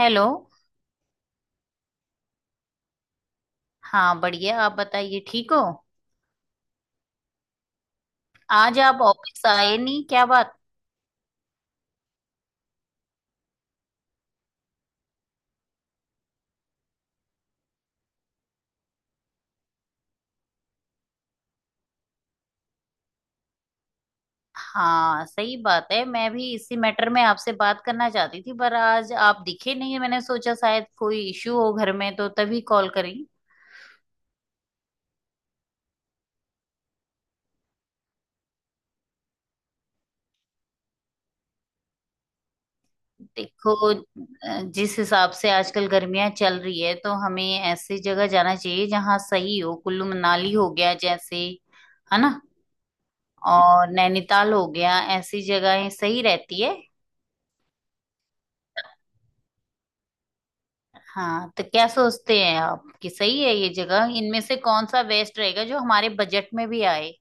Hello. हाँ बढ़िया, आप बताइए, ठीक हो? आज आप ऑफिस आए नहीं, क्या बात? हाँ सही बात है, मैं भी इसी मैटर में आपसे बात करना चाहती थी, पर आज आप दिखे नहीं, मैंने सोचा शायद कोई इशू हो घर में, तो तभी कॉल करी। देखो, जिस हिसाब से आजकल गर्मियां चल रही है तो हमें ऐसी जगह जाना चाहिए जहाँ सही हो, कुल्लू मनाली हो गया जैसे, है ना, और नैनीताल हो गया, ऐसी जगहें सही रहती है। हाँ तो क्या सोचते हैं आप कि सही है ये जगह, इनमें से कौन सा बेस्ट रहेगा जो हमारे बजट में भी आए?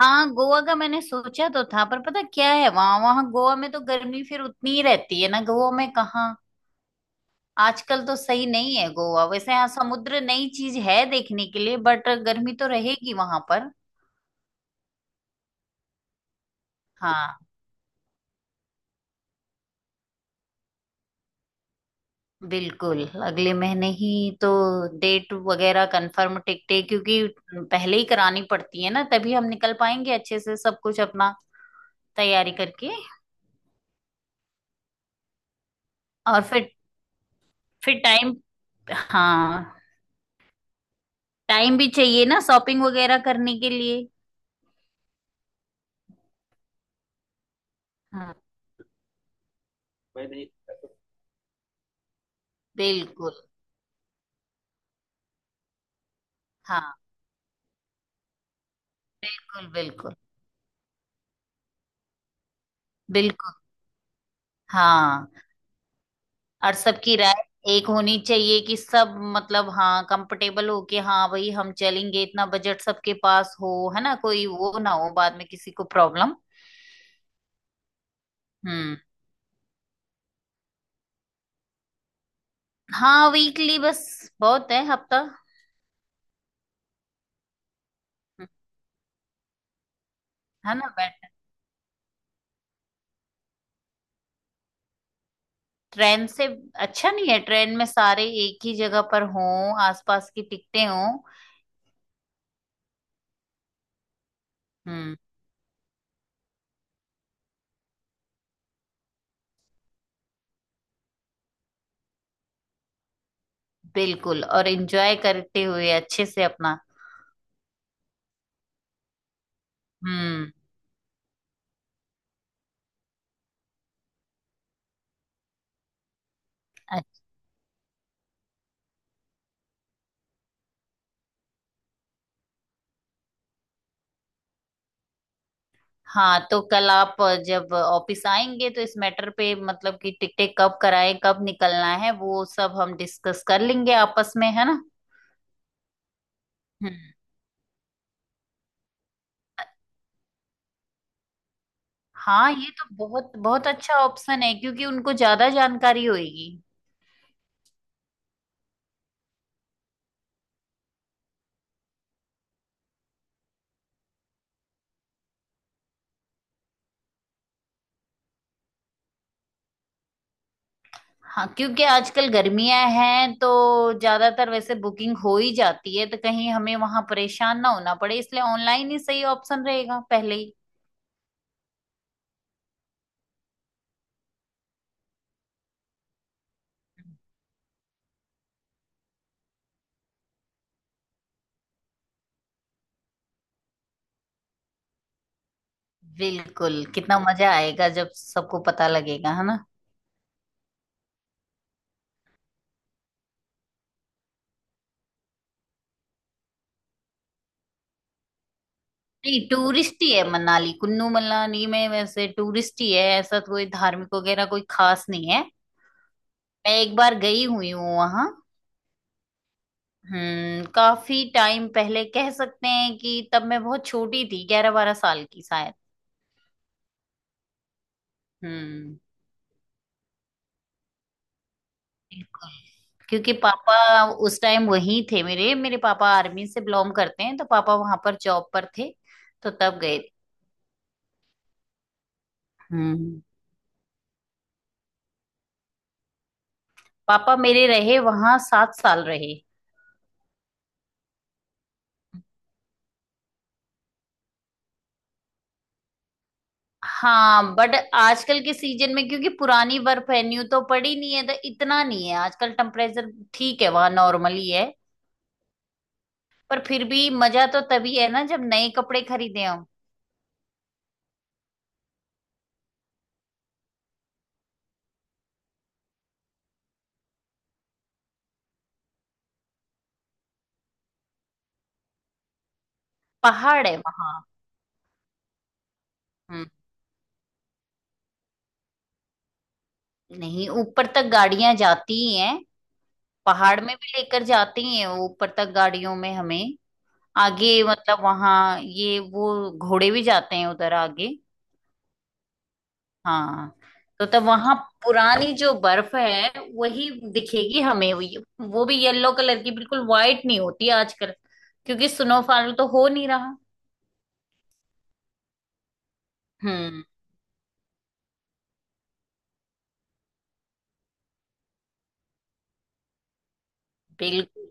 हाँ, गोवा का मैंने सोचा तो था, पर पता क्या है, वहां वहां गोवा में तो गर्मी फिर उतनी ही रहती है ना, गोवा में कहाँ आजकल तो सही नहीं है गोवा। वैसे हाँ, समुद्र नई चीज है देखने के लिए, बट गर्मी तो रहेगी वहां पर। हाँ। बिल्कुल, अगले महीने ही। तो डेट वगैरह कंफर्म, टिकटें क्योंकि पहले ही करानी पड़ती है ना, तभी हम निकल पाएंगे अच्छे से सब कुछ, अपना तैयारी करके। और फिर टाइम, हाँ टाइम भी चाहिए ना शॉपिंग वगैरह करने के लिए। हाँ। बिल्कुल। हाँ। बिल्कुल बिल्कुल। बिल्कुल। हाँ। और सबकी राय एक होनी चाहिए कि सब मतलब, हाँ कंफर्टेबल हो के, हाँ भाई हम चलेंगे, इतना बजट सबके पास हो, है ना, कोई वो ना हो बाद में किसी को प्रॉब्लम। हम्म। हाँ, वीकली बस बहुत है, हफ्ता। है ना। ट्रेन से अच्छा नहीं है, ट्रेन में सारे एक ही जगह पर हों, आसपास की टिकटें हों। हम्म। बिल्कुल, और एंजॉय करते हुए अच्छे से अपना। हम्म। अ- हाँ तो कल आप जब ऑफिस आएंगे तो इस मैटर पे, मतलब कि टिकटें कब कराएं, कब निकलना है, वो सब हम डिस्कस कर लेंगे आपस में, है ना। हम्म। हाँ, ये तो बहुत बहुत अच्छा ऑप्शन है, क्योंकि उनको ज्यादा जानकारी होगी। हाँ, क्योंकि आजकल गर्मियां हैं तो ज्यादातर वैसे बुकिंग हो ही जाती है, तो कहीं हमें वहां परेशान ना होना पड़े, इसलिए ऑनलाइन ही सही ऑप्शन रहेगा पहले ही। बिल्कुल, कितना मजा आएगा जब सबको पता लगेगा, है ना। नहीं, टूरिस्ट ही है मनाली, कुल्लू मनाली में वैसे टूरिस्ट ही है, ऐसा तो कोई धार्मिक वगैरह कोई खास नहीं है। मैं एक बार गई हुई हूँ वहां। हम्म, काफी टाइम पहले, कह सकते हैं कि तब मैं बहुत छोटी थी, 11 12 साल की शायद। हम्म। बिल्कुल। क्योंकि पापा उस टाइम वहीं थे, मेरे मेरे पापा आर्मी से बिलोंग करते हैं, तो पापा वहां पर जॉब पर थे। तो तब गए। हम्म। पापा मेरे रहे वहां, 7 साल रहे। हाँ बट आजकल के सीजन में, क्योंकि पुरानी बर्फ है, न्यू तो पड़ी नहीं है, तो इतना नहीं है आजकल, टेम्परेचर ठीक है वहां, नॉर्मल ही है। पर फिर भी मजा तो तभी है ना जब नए कपड़े खरीदे हो। पहाड़ है वहां। हम्म। नहीं, ऊपर तक गाड़ियां जाती ही हैं, पहाड़ में भी लेकर जाते हैं वो, ऊपर तक गाड़ियों में हमें। आगे मतलब वहाँ ये वो, घोड़े भी जाते हैं उधर आगे। हाँ। तो तब वहाँ पुरानी जो बर्फ है वही दिखेगी हमें, वो भी येलो कलर की, बिल्कुल वाइट नहीं होती आजकल, क्योंकि स्नोफॉल तो हो नहीं रहा। हम्म। बिल्कुल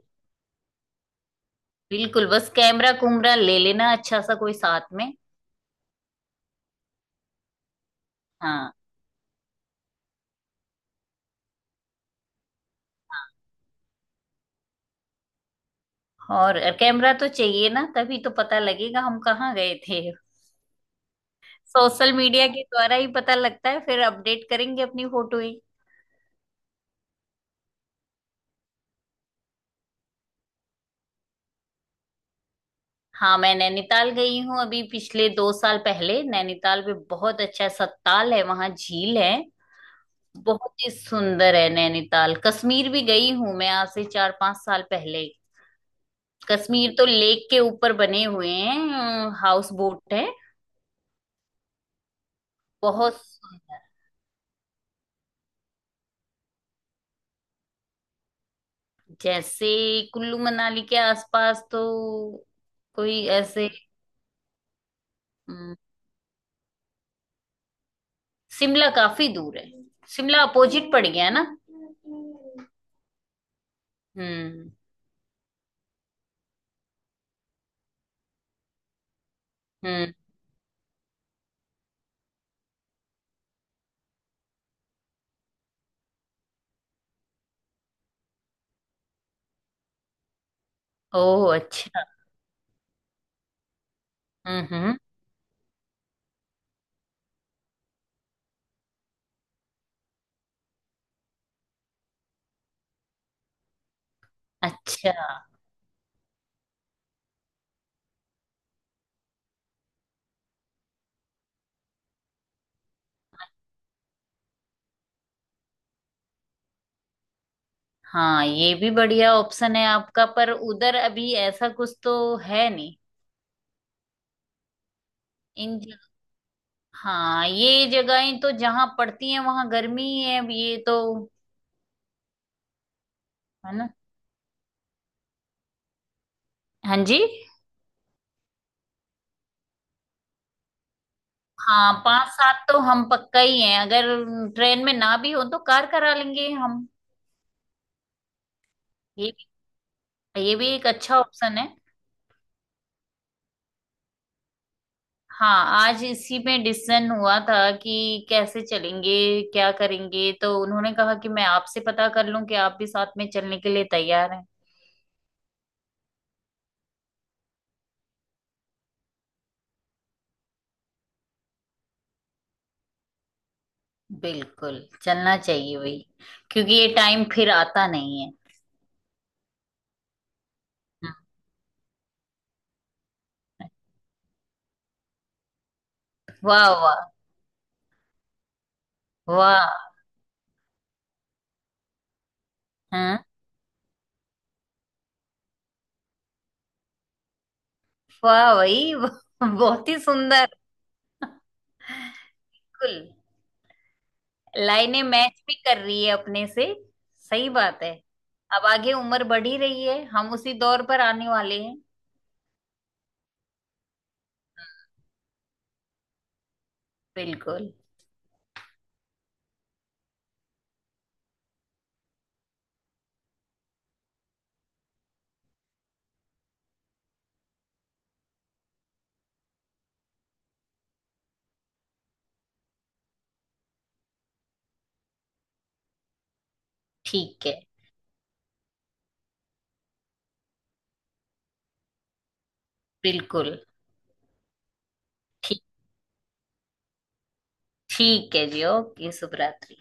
बिल्कुल, बस कैमरा कुमरा ले लेना अच्छा सा कोई साथ में। हाँ। और कैमरा तो चाहिए ना, तभी तो पता लगेगा हम कहाँ गए थे, सोशल मीडिया के द्वारा ही पता लगता है, फिर अपडेट करेंगे अपनी फोटो ही। हाँ, मैं नैनीताल गई हूँ अभी, पिछले 2 साल पहले। नैनीताल में बहुत अच्छा सत्ताल है, वहाँ झील है, बहुत ही सुंदर है नैनीताल। कश्मीर भी गई हूँ मैं, आज से 4 5 साल पहले। कश्मीर तो लेक के ऊपर बने हुए हैं, हाउस बोट है, बहुत सुंदर। जैसे कुल्लू मनाली के आसपास तो कोई ऐसे, शिमला काफी दूर है, शिमला अपोजिट पड़ गया ना। हम्म हम्म। ओह अच्छा। हम्म। अच्छा। हाँ, ये भी बढ़िया ऑप्शन है आपका, पर उधर अभी ऐसा कुछ तो है नहीं। इन जग... हाँ, ये जगहें तो जहाँ पड़ती हैं वहां गर्मी ही है, अब ये तो। है ना। हाँ जी। हाँ, पांच सात तो हम पक्का ही हैं, अगर ट्रेन में ना भी हो तो कार करा लेंगे हम। ये भी, ये भी एक अच्छा ऑप्शन है। हाँ, आज इसी में डिसीजन हुआ था कि कैसे चलेंगे, क्या करेंगे, तो उन्होंने कहा कि मैं आपसे पता कर लूं कि आप भी साथ में चलने के लिए तैयार हैं। बिल्कुल, चलना चाहिए वही, क्योंकि ये टाइम फिर आता नहीं है। हम्म। वाह वाह। वाह। हाँ, वाह वही, बहुत ही सुंदर। बिल्कुल। लाइनें मैच भी कर रही है अपने से, सही बात है। अब आगे उम्र बढ़ी रही है, हम उसी दौर पर आने वाले हैं। बिल्कुल। ठीक है। बिल्कुल। ठीक। ठीक है जी, ओके, शुभ रात्रि।